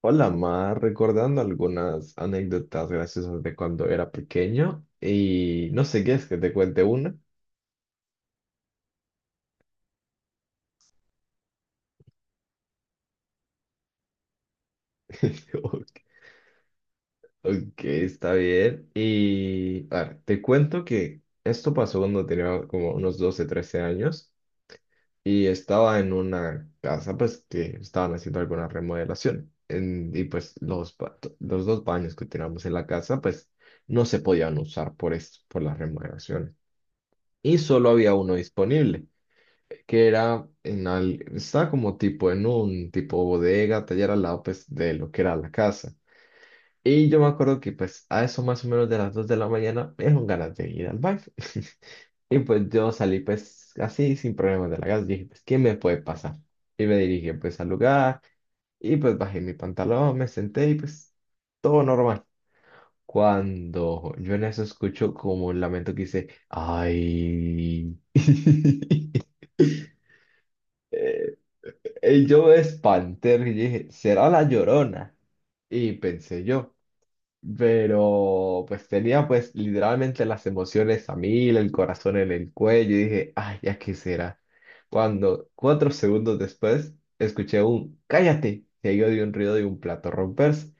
Hola, Mar, recordando algunas anécdotas graciosas de cuando era pequeño y no sé qué es que te cuente una. Ok, ok, está bien. Y a ver, te cuento que esto pasó cuando tenía como unos 12, 13 años y estaba en una casa pues que estaban haciendo alguna remodelación. Y pues los dos baños que teníamos en la casa pues no se podían usar por esto, por la remodelación. Y solo había uno disponible, que era en al, estaba como tipo en un tipo bodega, taller al lado pues de lo que era la casa. Y yo me acuerdo que pues a eso más o menos de las 2 de la mañana me dieron ganas de ir al baño. Y pues yo salí pues así sin problemas de la casa. Dije pues, ¿qué me puede pasar? Y me dirigí pues al lugar, y pues bajé mi pantalón, me senté y pues todo normal. Cuando yo en eso escucho como un lamento que dice, ay. Eh, Y yo me espanté y dije, ¿será la Llorona? Y pensé yo, pero pues tenía pues literalmente las emociones a mil, el corazón en el cuello y dije, ay, ¿ya qué será? Cuando 4 segundos después escuché un cállate, seguido de un ruido de un plato romperse,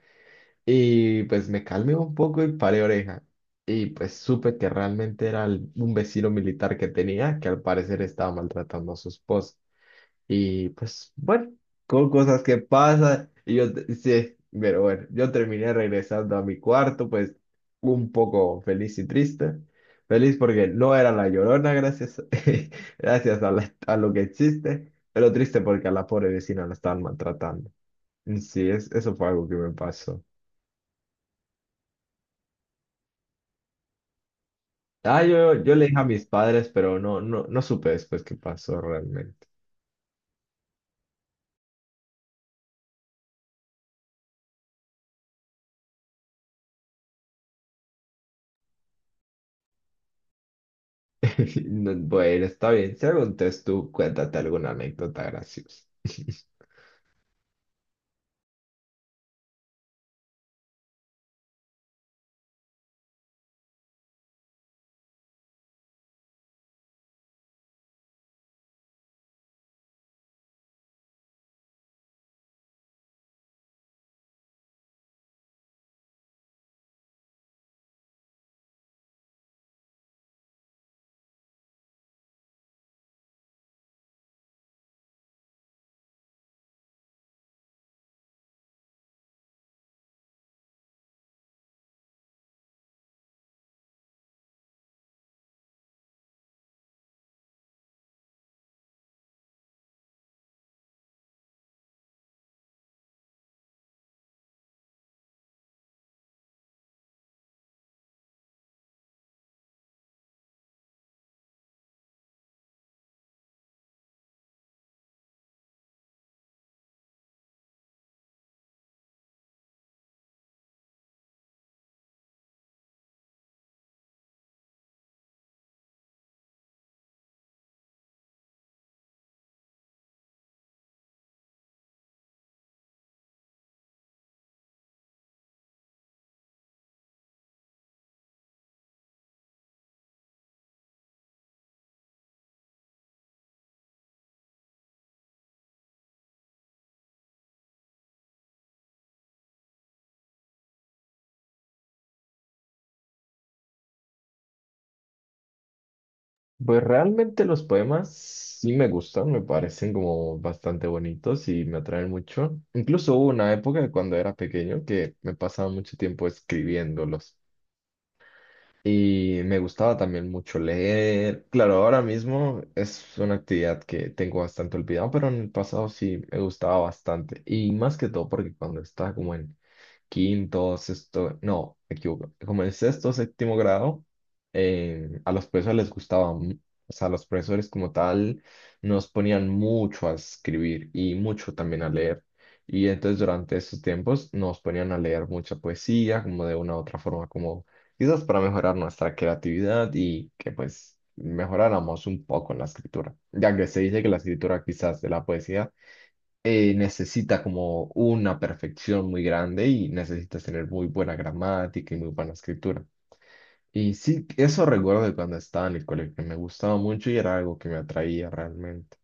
y pues me calmé un poco y paré oreja, y pues supe que realmente era un vecino militar que tenía que al parecer estaba maltratando a su esposa. Y pues, bueno, con cosas que pasan. Y yo, sí, pero bueno, yo terminé regresando a mi cuarto, pues un poco feliz y triste. Feliz porque no era la Llorona, gracias, gracias a, a lo que existe, pero triste porque a la pobre vecina la estaban maltratando. Y sí, eso fue algo que me pasó. Ah, yo le dije a mis padres, pero no, no, no supe después qué pasó realmente. No, bueno, está bien. Si algún test tú, cuéntate alguna anécdota graciosa. Pues realmente los poemas sí me gustan, me parecen como bastante bonitos y me atraen mucho. Incluso hubo una época cuando era pequeño que me pasaba mucho tiempo escribiéndolos, y me gustaba también mucho leer. Claro, ahora mismo es una actividad que tengo bastante olvidada, pero en el pasado sí me gustaba bastante, y más que todo porque cuando estaba como en quinto, sexto, no, me equivoco, como en sexto, séptimo grado, a los profesores les gustaba, o sea, los profesores como tal nos ponían mucho a escribir y mucho también a leer. Y entonces durante esos tiempos nos ponían a leer mucha poesía, como de una u otra forma, como quizás para mejorar nuestra creatividad y que pues mejoráramos un poco en la escritura, ya que se dice que la escritura quizás de la poesía necesita como una perfección muy grande y necesitas tener muy buena gramática y muy buena escritura. Y sí, eso recuerdo de cuando estaba en el colegio, que me gustaba mucho y era algo que me atraía realmente.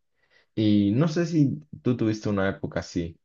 Y no sé si tú tuviste una época así.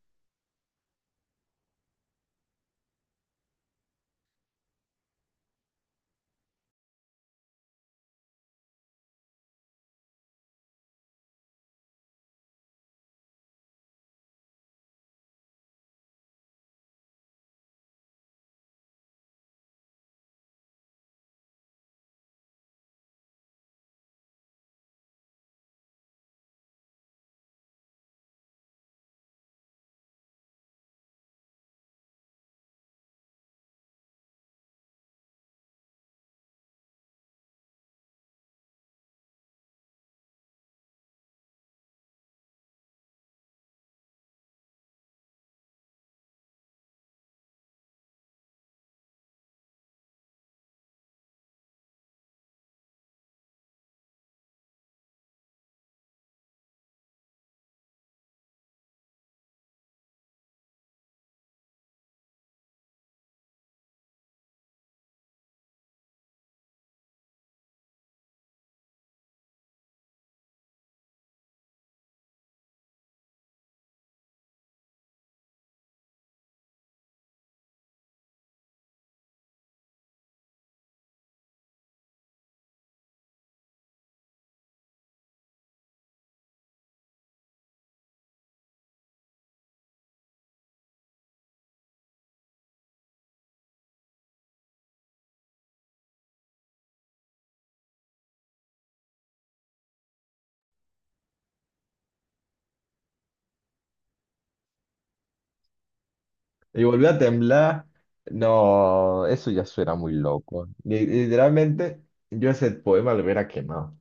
Y volví a temblar. No, eso ya suena muy loco. Literalmente, yo ese poema lo hubiera quemado.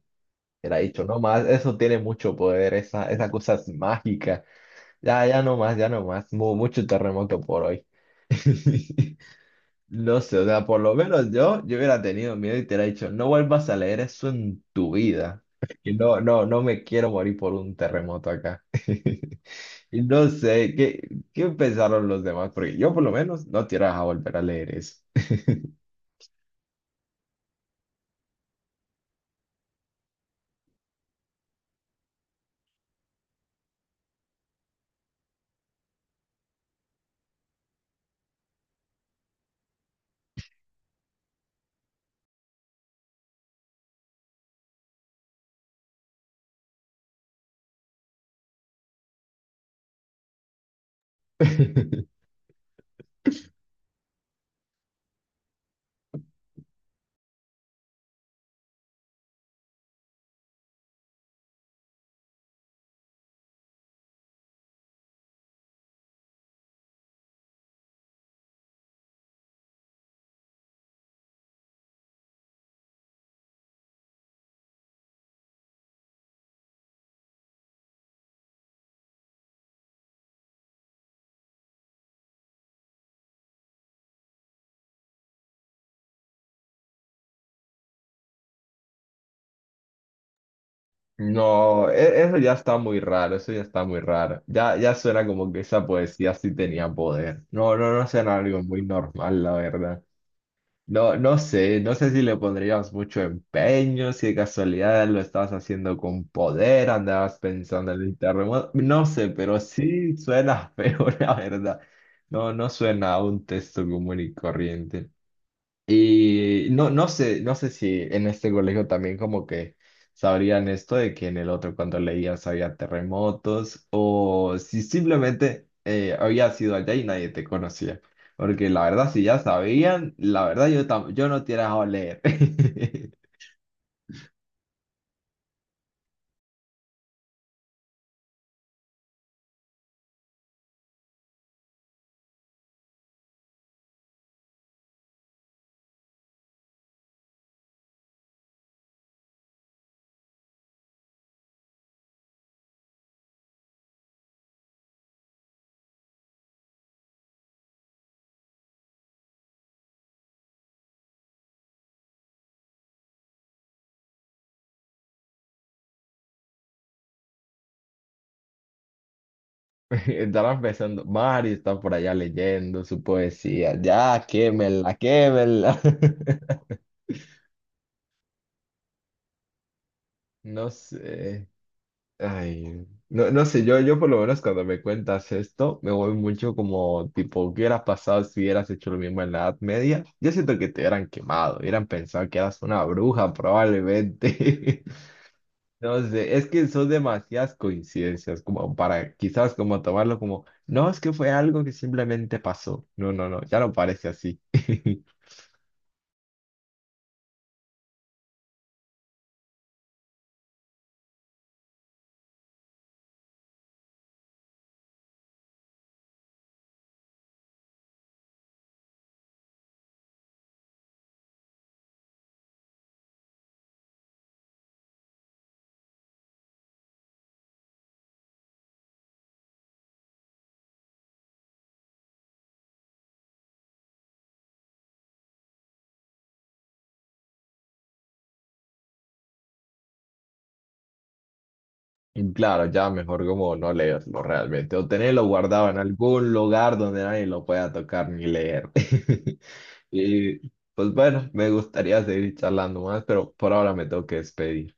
Era dicho, no más, eso tiene mucho poder, esa cosa es mágica. Ya, ya no más, ya no más. Mucho terremoto por hoy. No sé, o sea, por lo menos yo hubiera tenido miedo y te hubiera dicho, no vuelvas a leer eso en tu vida. Que no, no, no me quiero morir por un terremoto acá. Y no sé, ¿qué, qué pensaron los demás? Porque yo por lo menos no te ibas a volver a leer eso. No, eso ya está muy raro, eso ya está muy raro. Ya, ya suena como que esa poesía sí tenía poder. No, no, no suena algo muy normal, la verdad. No, no sé, no sé si le pondrías mucho empeño, si de casualidad lo estabas haciendo con poder, andabas pensando en el terremoto, no sé, pero sí suena feo, la verdad. No, no suena a un texto común y corriente. Y no, no sé, no sé si en este colegio también como que sabrían esto de que en el otro cuando leías había terremotos, o si simplemente habías ido allá y nadie te conocía. Porque la verdad, si ya sabían, la verdad yo, yo no te hubiera dejado leer. Estarán pensando, Mario está por allá leyendo su poesía. Ya, quémela, quémela. No sé. Ay, no, no sé, yo por lo menos cuando me cuentas esto, me voy mucho como tipo, ¿qué hubieras pasado si hubieras hecho lo mismo en la Edad Media? Yo siento que te hubieran quemado, hubieran pensado que eras una bruja probablemente. No sé, es que son demasiadas coincidencias como para quizás como tomarlo como, no, es que fue algo que simplemente pasó. No, no, no, ya no parece así. Y claro, ya mejor como no leerlo realmente o tenerlo guardado en algún lugar donde nadie lo pueda tocar ni leer. Y pues bueno, me gustaría seguir charlando más, pero por ahora me tengo que despedir.